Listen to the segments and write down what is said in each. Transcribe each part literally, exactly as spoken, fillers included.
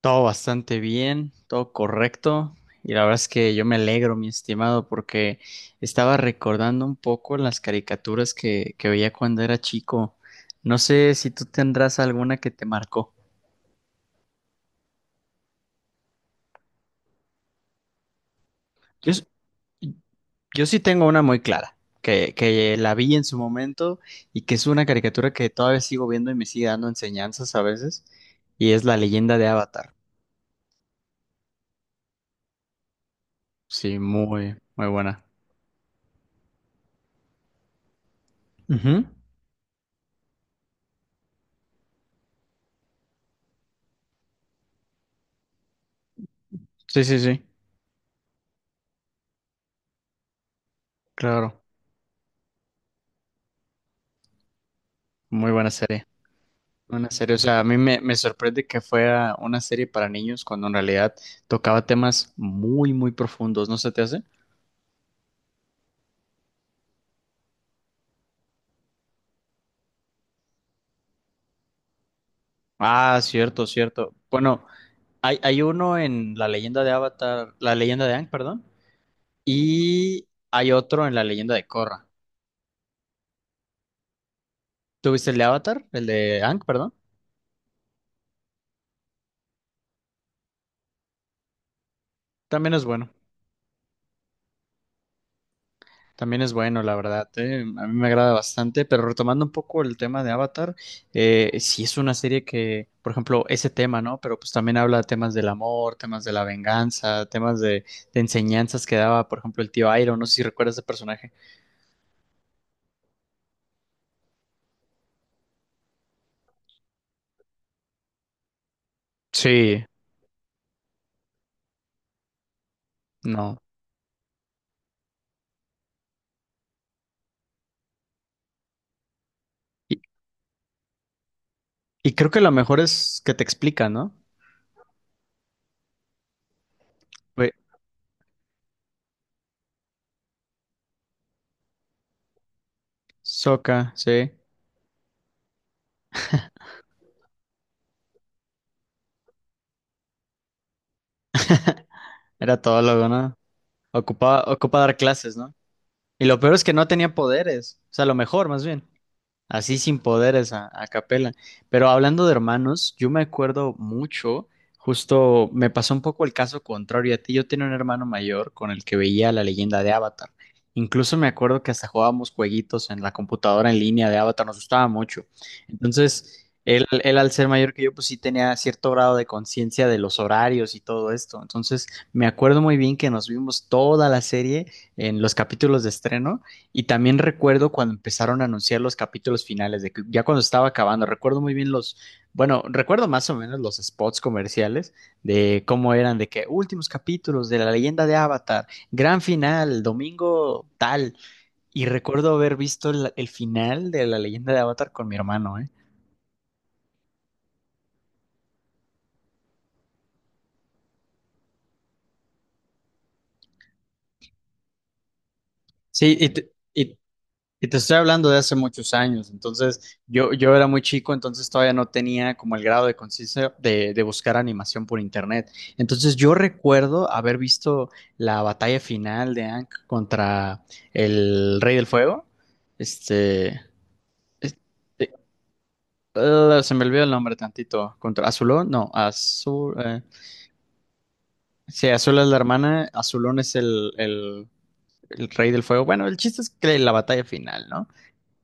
Todo bastante bien, todo correcto. Y la verdad es que yo me alegro, mi estimado, porque estaba recordando un poco las caricaturas que, que veía cuando era chico. No sé si tú tendrás alguna que te marcó. Yo, s- yo sí tengo una muy clara, que, que la vi en su momento y que es una caricatura que todavía sigo viendo y me sigue dando enseñanzas a veces, y es La leyenda de Avatar. Sí, muy, muy buena. Ujú. Sí, sí, sí, claro, muy buena serie. Una serie, o sea, a mí me, me sorprende que fuera una serie para niños cuando en realidad tocaba temas muy, muy profundos, ¿no se te hace? Ah, cierto, cierto. Bueno, hay, hay uno en La leyenda de Avatar, La leyenda de Aang, perdón, y hay otro en La leyenda de Korra. ¿Tuviste el de Avatar? El de Aang, perdón. También es bueno. También es bueno, la verdad, ¿eh? A mí me agrada bastante, pero retomando un poco el tema de Avatar, eh, sí es una serie que, por ejemplo, ese tema, ¿no? Pero pues también habla de temas del amor, temas de la venganza, temas de, de enseñanzas que daba, por ejemplo, el tío Iroh, no sé si recuerdas ese personaje. Sí, no. Y, y creo que lo mejor es que te explica, ¿no? Güey, Sokka, sí, era todo lo, ¿no? Ocupaba, ocupa dar clases, ¿no? Y lo peor es que no tenía poderes, o sea, lo mejor, más bien. Así sin poderes a, a capela. Pero hablando de hermanos, yo me acuerdo mucho, justo me pasó un poco el caso contrario a ti. Yo tenía un hermano mayor con el que veía La leyenda de Avatar. Incluso me acuerdo que hasta jugábamos jueguitos en la computadora en línea de Avatar, nos gustaba mucho. Entonces, él, él al ser mayor que yo, pues sí tenía cierto grado de conciencia de los horarios y todo esto. Entonces, me acuerdo muy bien que nos vimos toda la serie en los capítulos de estreno. Y también recuerdo cuando empezaron a anunciar los capítulos finales, de que ya cuando estaba acabando, recuerdo muy bien los, bueno, recuerdo más o menos los spots comerciales de cómo eran, de que últimos capítulos de La leyenda de Avatar, gran final, domingo tal. Y recuerdo haber visto el, el final de La leyenda de Avatar con mi hermano, ¿eh? Sí, y, t- y Y te estoy hablando de hace muchos años, entonces yo, yo era muy chico, entonces todavía no tenía como el grado de conciencia de, de buscar animación por internet. Entonces yo recuerdo haber visto la batalla final de Aang contra el Rey del Fuego, este, este, eh, se me olvidó el nombre tantito, contra Azulón, no, Azul, eh, sí, Azul es la hermana, Azulón es el, el, el Rey del Fuego. Bueno, el chiste es que la batalla final, ¿no?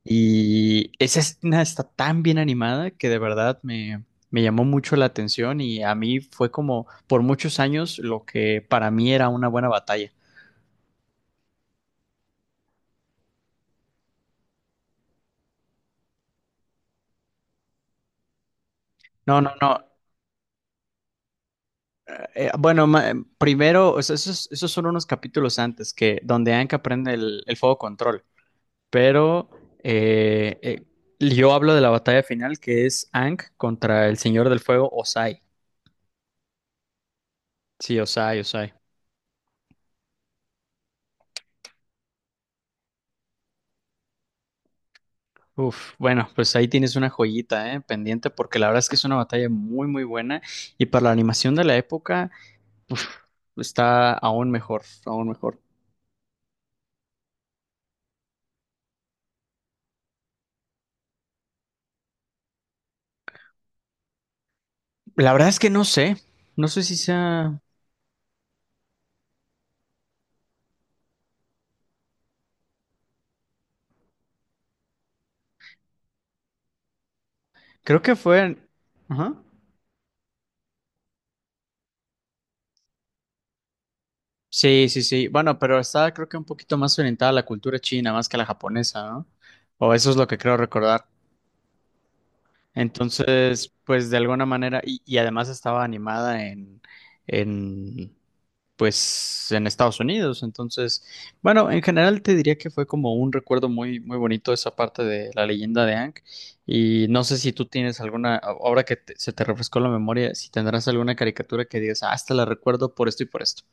Y esa escena está tan bien animada que de verdad me, me llamó mucho la atención y a mí fue como por muchos años lo que para mí era una buena batalla. No, no, no. eh, bueno, ma- eh, primero, o sea, esos, esos son unos capítulos antes que donde Anka aprende el, el fuego control. Pero eh, eh, yo hablo de la batalla final que es Ank contra el Señor del Fuego, Osai. Sí, Osai, Osai. Uf, bueno, pues ahí tienes una joyita, ¿eh? Pendiente, porque la verdad es que es una batalla muy, muy buena y para la animación de la época, uf, está aún mejor, aún mejor. La verdad es que no sé, no sé si sea, creo que fue, ajá. Sí, sí, sí, bueno, pero está creo que un poquito más orientada a la cultura china más que a la japonesa, ¿no? O eso es lo que creo recordar. Entonces, pues de alguna manera, y, y además estaba animada en, en pues en Estados Unidos. Entonces, bueno, en general te diría que fue como un recuerdo muy, muy bonito esa parte de La leyenda de Hank. Y no sé si tú tienes alguna, a- ahora que te- se te refrescó la memoria, si tendrás alguna caricatura que digas, ah, esta la recuerdo por esto y por esto.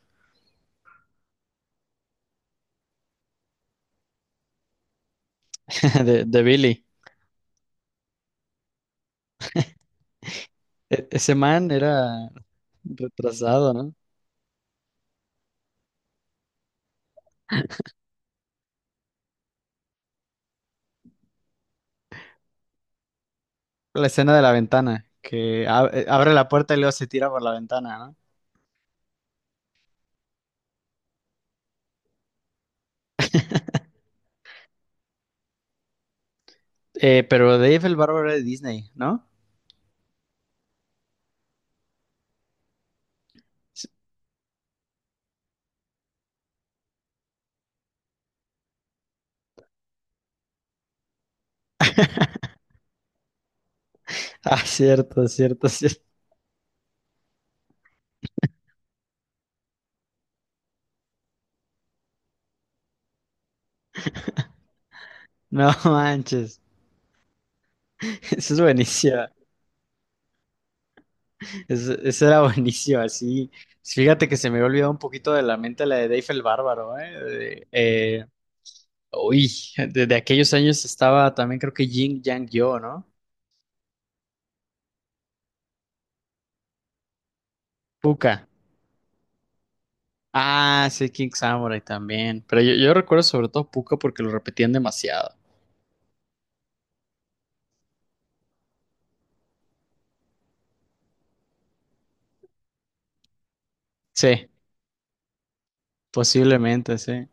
De, de Billy. E- ese man era retrasado, ¿no? La escena de la ventana, que ab- eh, abre la puerta y luego se tira por la ventana, ¿no? Eh, pero Dave el Bárbaro era de Disney, ¿no? Ah, cierto, cierto, cierto. No manches, eso es buenísimo, eso, eso era buenísimo, así. Fíjate que se me había olvidado un poquito de la mente la de Dave el Bárbaro, ¿eh? De- eh, uy, desde aquellos años estaba también creo que Jin Yang Yo, ¿no? Puka. Ah, sí, King Samurai también, pero yo, yo recuerdo sobre todo Puka porque lo repetían demasiado. Sí, posiblemente, sí.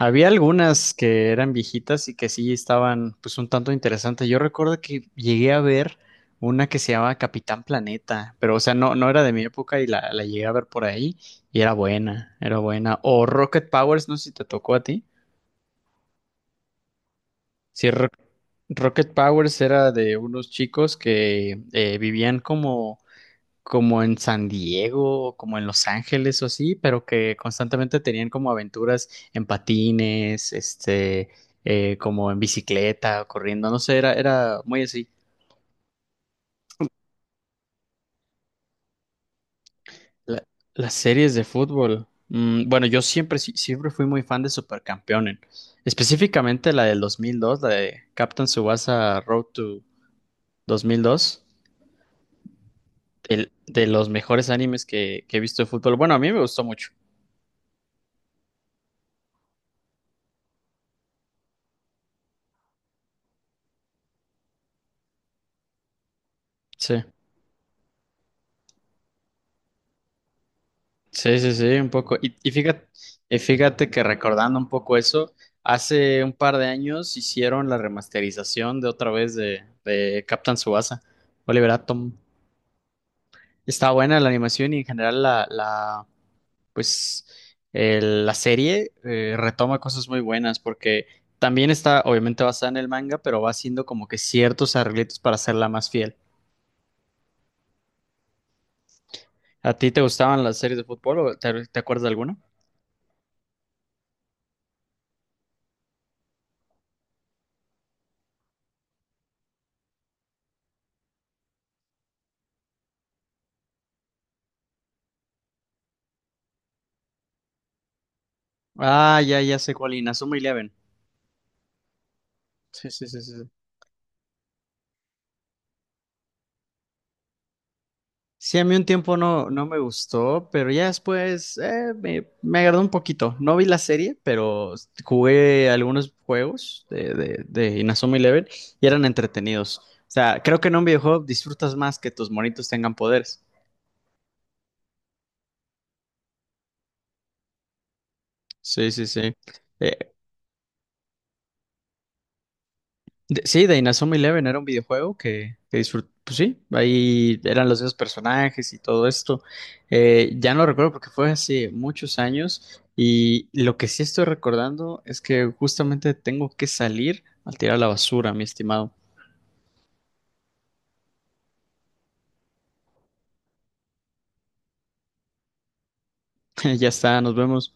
Había algunas que eran viejitas y que sí estaban pues un tanto interesantes. Yo recuerdo que llegué a ver una que se llamaba Capitán Planeta, pero o sea, no, no era de mi época y la, la llegué a ver por ahí y era buena, era buena. O Rocket Powers, no sé si te tocó a ti. Sí, Ro- Rocket Powers era de unos chicos que eh, vivían como como en San Diego, o como en Los Ángeles o así, pero que constantemente tenían como aventuras en patines, este, eh, como en bicicleta, corriendo, no sé, era, era muy así. La- las series de fútbol. Mm, bueno, yo siempre, sí- siempre fui muy fan de Supercampeones, específicamente la del dos mil dos, la de Captain Tsubasa Road to dos mil dos, el de los mejores animes que, que he visto de fútbol. Bueno, a mí me gustó mucho. Sí. Sí, sí, sí, un poco. Y, y fíjate, y fíjate que recordando un poco eso, hace un par de años hicieron la remasterización de otra vez de, de Captain Tsubasa, Oliver Atom. Está buena la animación y en general la, la pues el- la serie eh, retoma cosas muy buenas porque también está obviamente basada en el manga, pero va haciendo como que ciertos arreglitos para hacerla más fiel. ¿A ti te gustaban las series de fútbol o te, te acuerdas de alguna? Ah, ya, ya sé cuál, Inazuma Eleven. Sí, sí, sí, sí. Sí, a mí un tiempo no, no me gustó, pero ya después eh, me, me agradó un poquito. No vi la serie, pero jugué algunos juegos de, de, de Inazuma Eleven y eran entretenidos. O sea, creo que en un videojuego disfrutas más que tus monitos tengan poderes. Sí, sí, sí. Eh, De- sí, de Inazuma Eleven era un videojuego que, que disfruté, pues sí, ahí eran los mismos personajes y todo esto. Eh, ya no lo recuerdo porque fue hace muchos años y lo que sí estoy recordando es que justamente tengo que salir a tirar la basura, mi estimado. Ya está, nos vemos.